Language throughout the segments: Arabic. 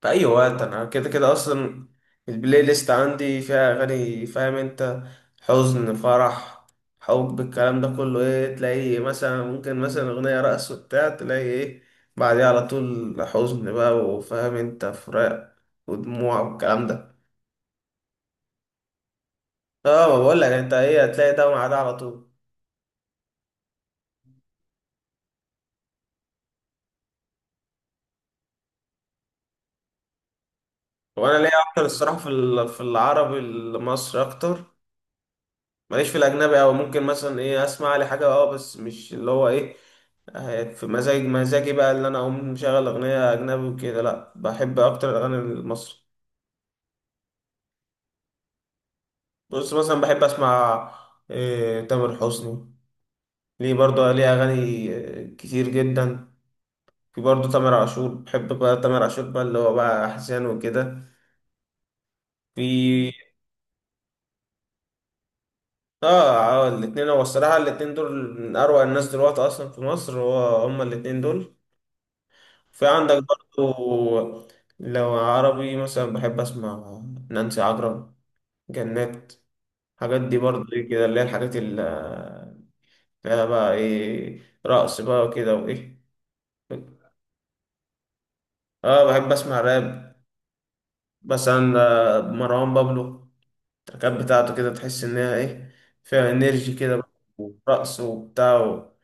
في اي وقت. انا كده كده اصلا البلاي ليست عندي فيها اغاني، فاهم انت؟ حزن، فرح، حب، الكلام ده كله، ايه؟ تلاقي مثلا ممكن مثلا اغنية رقص وبتاع، تلاقي ايه؟ بعديها على طول حزن بقى، وفاهم انت، فراق ودموع والكلام ده. اه ما بقول لك انت ايه، هتلاقي ده مع ده على طول. وانا ليا اكتر الصراحة في العربي المصري اكتر. ماليش في الاجنبي، او ممكن مثلا ايه اسمع لي حاجة اه، بس مش اللي هو ايه. في مزاج مزاجي بقى اللي انا اقوم مشغل اغنيه اجنبي وكده، لا بحب اكتر الاغاني المصري. بص مثلا بحب اسمع إيه، تامر حسني. ليه؟ برضه ليه اغاني كتير جدا. في برضه تامر عاشور، بحب بقى تامر عاشور بقى اللي هو بقى احزان وكده. في اه. الاتنين هو الصراحه الاتنين دول من اروع الناس دلوقتي اصلا في مصر، هو هما الاتنين دول. في عندك برضه، لو عربي مثلا بحب اسمع نانسي عجرم، جنات. الحاجات دي برضه ايه كده، اللي هي الحاجات اللي فيها بقى ايه، رقص بقى وكده وايه. اه بحب اسمع راب، مثلا مروان بابلو. التراكات بتاعته كده، تحس انها ايه، فيها انرجي كده بقى، ورقص وبتاع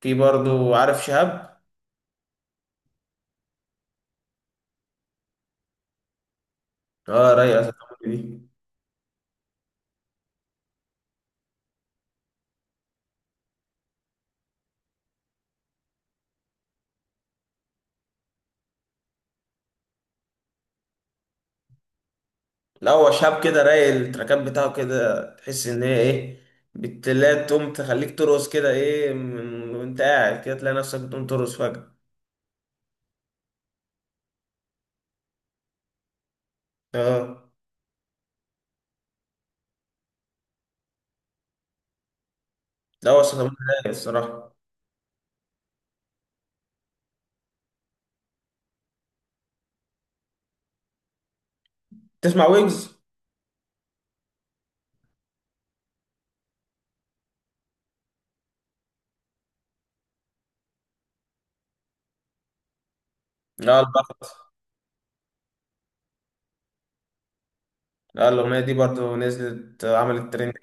في برضه عارف شهاب. اه رايق أصلاً دي. لا هو شهاب كده رايق، التراكات بتاعه كده تحس ان هي ايه، بتلاقي تقوم تخليك ترقص كده ايه، وانت قاعد كده تلاقي نفسك بتقوم ترقص فجأة. اه. لا هو صوته رايق الصراحة. تسمع ويجز؟ لا البخت. لا الأغنية دي برضو نزلت عملت ترند.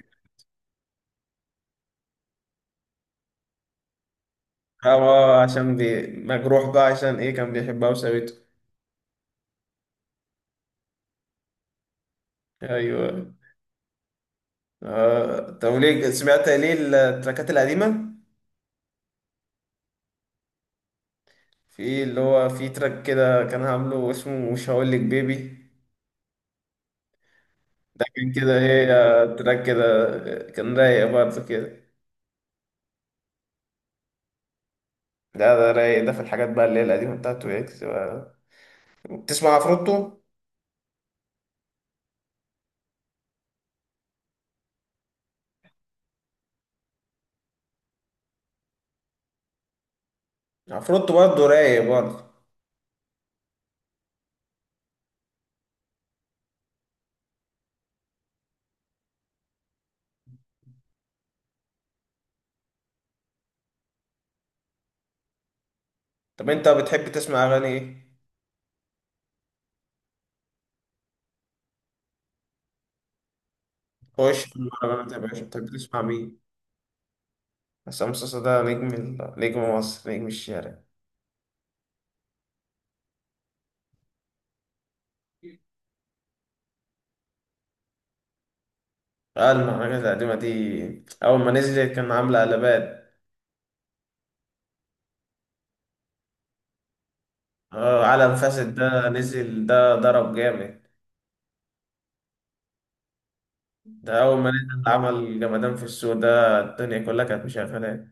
اه عشان مجروح بقى عشان ايه، كان بيحبها وسابته. ايوه. آه. طب ليه سمعت ليه التراكات القديمة؟ في اللي هو في تراك كده كان عامله اسمه مش هقولك بيبي. ده كان كده ايه، تراك كده، كان رايق برضه كده. ده رايق، ده في الحاجات بقى اللي هي القديمة بتاعته ويجز بقى. بتسمع عفروتو؟ عفروتو برضه رايق برضه. طب انت بتحب تسمع اغاني ايه؟ خش في المهرجانات يا باشا، بتحب تسمع مين؟ عصام صاصا ده نجم نجم مصر، نجم الشارع. اه المهرجانات القديمة دي أول ما نزلت كان عاملة قلبان. اه عالم فاسد ده نزل ده ضرب جامد. ده أول ما نزل عمل جمدان في السوق، ده الدنيا كلها كانت مشغلاه.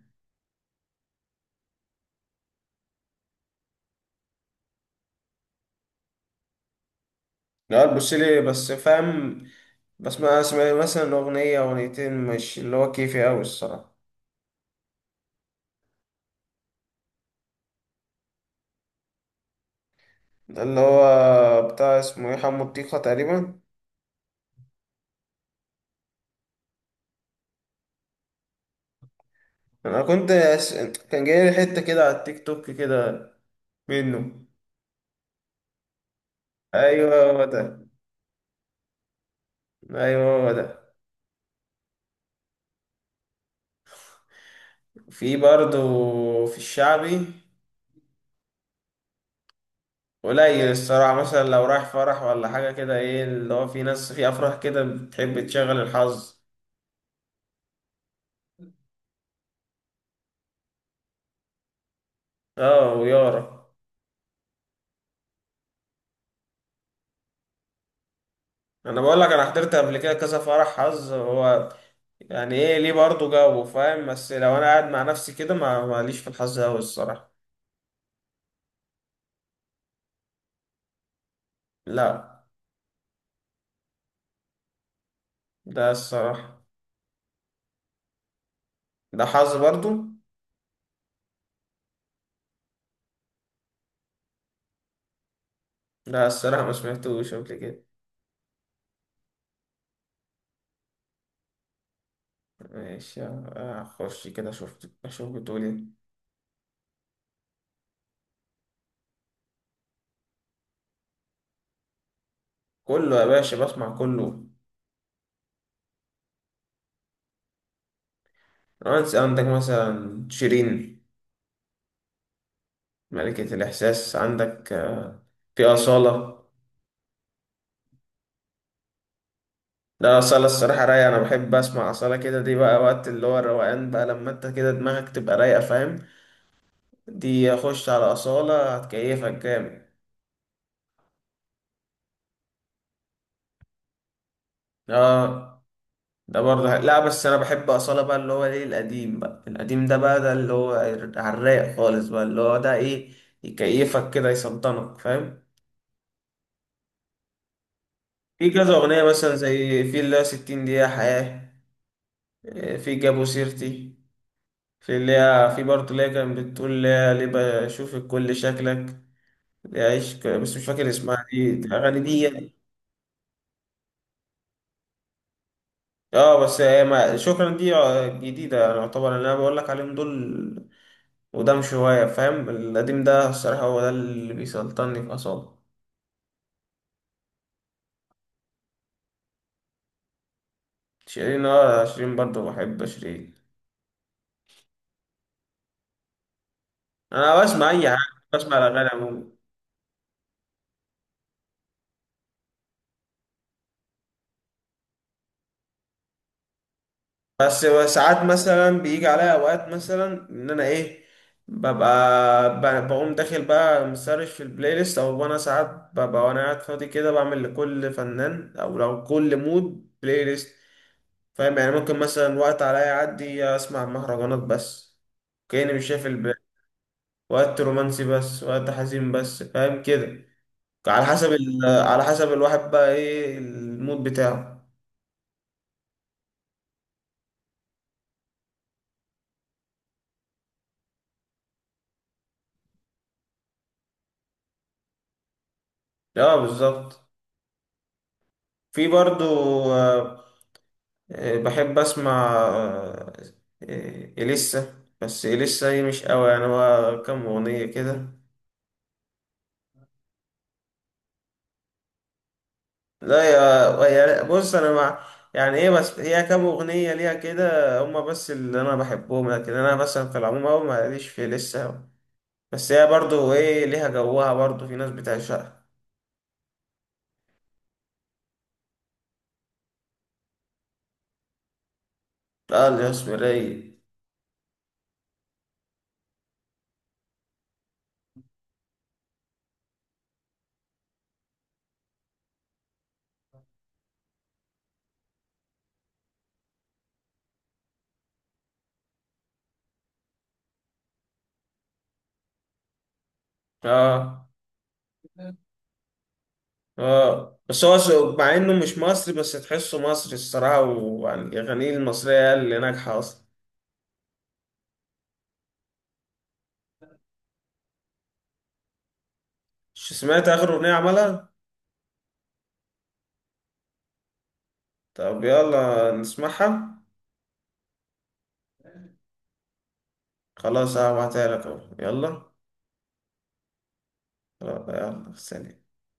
لا تبص لي بس، فاهم؟ بس ما اسمع مثلا أغنية أغنيتين، مش اللي هو كيفي أوي الصراحة. ده اللي هو بتاع اسمه ايه، حمو الطيخة تقريبا. انا كنت أس... كان جاي لي حتة كده على التيك توك كده منه. ايوه هو ده. ايوه هو ده. في برضو في الشعبي قليل الصراحة، مثلا لو رايح فرح ولا حاجة كده، ايه اللي هو في ناس في افراح كده بتحب تشغل الحظ. اه ويارا. انا بقول لك انا حضرت قبل كده كذا فرح حظ، هو يعني ايه ليه برضو جو، فاهم؟ بس لو انا قاعد مع نفسي كده، ما ماليش في الحظ اوي الصراحة. لا. ده الصراحة ده حظ برضو. لا الصراحة ما سمعتوش قبل كده. ماشي، أخش كده أشوف، أشوف بتقول إيه. كله يا باشا، بسمع كله. رومانس، عندك مثلا شيرين ملكة الإحساس، عندك في أصالة. لا أصالة الصراحة رايقة، أنا بحب أسمع أصالة كده، دي بقى وقت اللي هو الروقان بقى، لما أنت كده دماغك تبقى رايقة، فاهم؟ دي أخش على أصالة هتكيفك جامد. آه. ده برضه لا بس انا بحب اصاله بقى اللي هو ايه، القديم بقى، القديم ده بقى، ده اللي هو على الرايق خالص بقى، اللي هو ده ايه، يكيفك كده، يسلطنك، فاهم؟ في كذا اغنيه مثلا، زي في اللي هي 60 دقيقه حياه، إيه، في جابوا سيرتي، في اللي هي في برضه اللي هي كانت بتقول اللي هي ليه بشوفك كل شكلك، اللي هي بس مش فاكر اسمها، دي الاغاني دي يعني. اه بس هي شكرا دي جديده يعني، يعتبر اللي انا بقول لك عليهم دول قدام شوية، فاهم؟ القديم ده الصراحة هو ده اللي بيسلطني في أعصابي. شيرين؟ اه شيرين برضه بحب شيرين. أنا بسمع أي حاجة، بسمع الأغاني عموما. بس ساعات مثلا بيجي عليا أوقات مثلا إن أنا إيه، بقوم داخل بقى مسرش في البلاي ليست، أو أنا ساعات ببقى وأنا قاعد فاضي كده بعمل لكل فنان أو لو كل مود بلاي ليست، فاهم؟ يعني ممكن مثلا وقت عليا يعدي أسمع مهرجانات بس، كأني مش شايف. وقت رومانسي بس، وقت حزين بس، فاهم كده؟ على حسب على حسب الواحد بقى ايه المود بتاعه. اه بالظبط. في برضو آه، بحب اسمع إليسا، بس إليسا هي مش قوي يعني، هو كام أغنية كده. لا يا يا- بص أنا مع يعني إيه، بس هي كام أغنية ليها كده هما بس اللي أنا بحبهم، لكن أنا مثلا في العموم أوي ماليش في إليسا أوي. بس هي برضو إيه، ليها جوها، برضو في ناس بتعشقها. اه الاسمرية. اه. اه بس هو مع انه مش مصري بس تحسه مصري الصراحة، ويعني الأغاني المصرية هي اللي ناجحة أصلا. مش سمعت آخر أغنية عملها؟ طب يلا نسمعها. خلاص هبعتها لك أهو، يلا. يلا، سلام.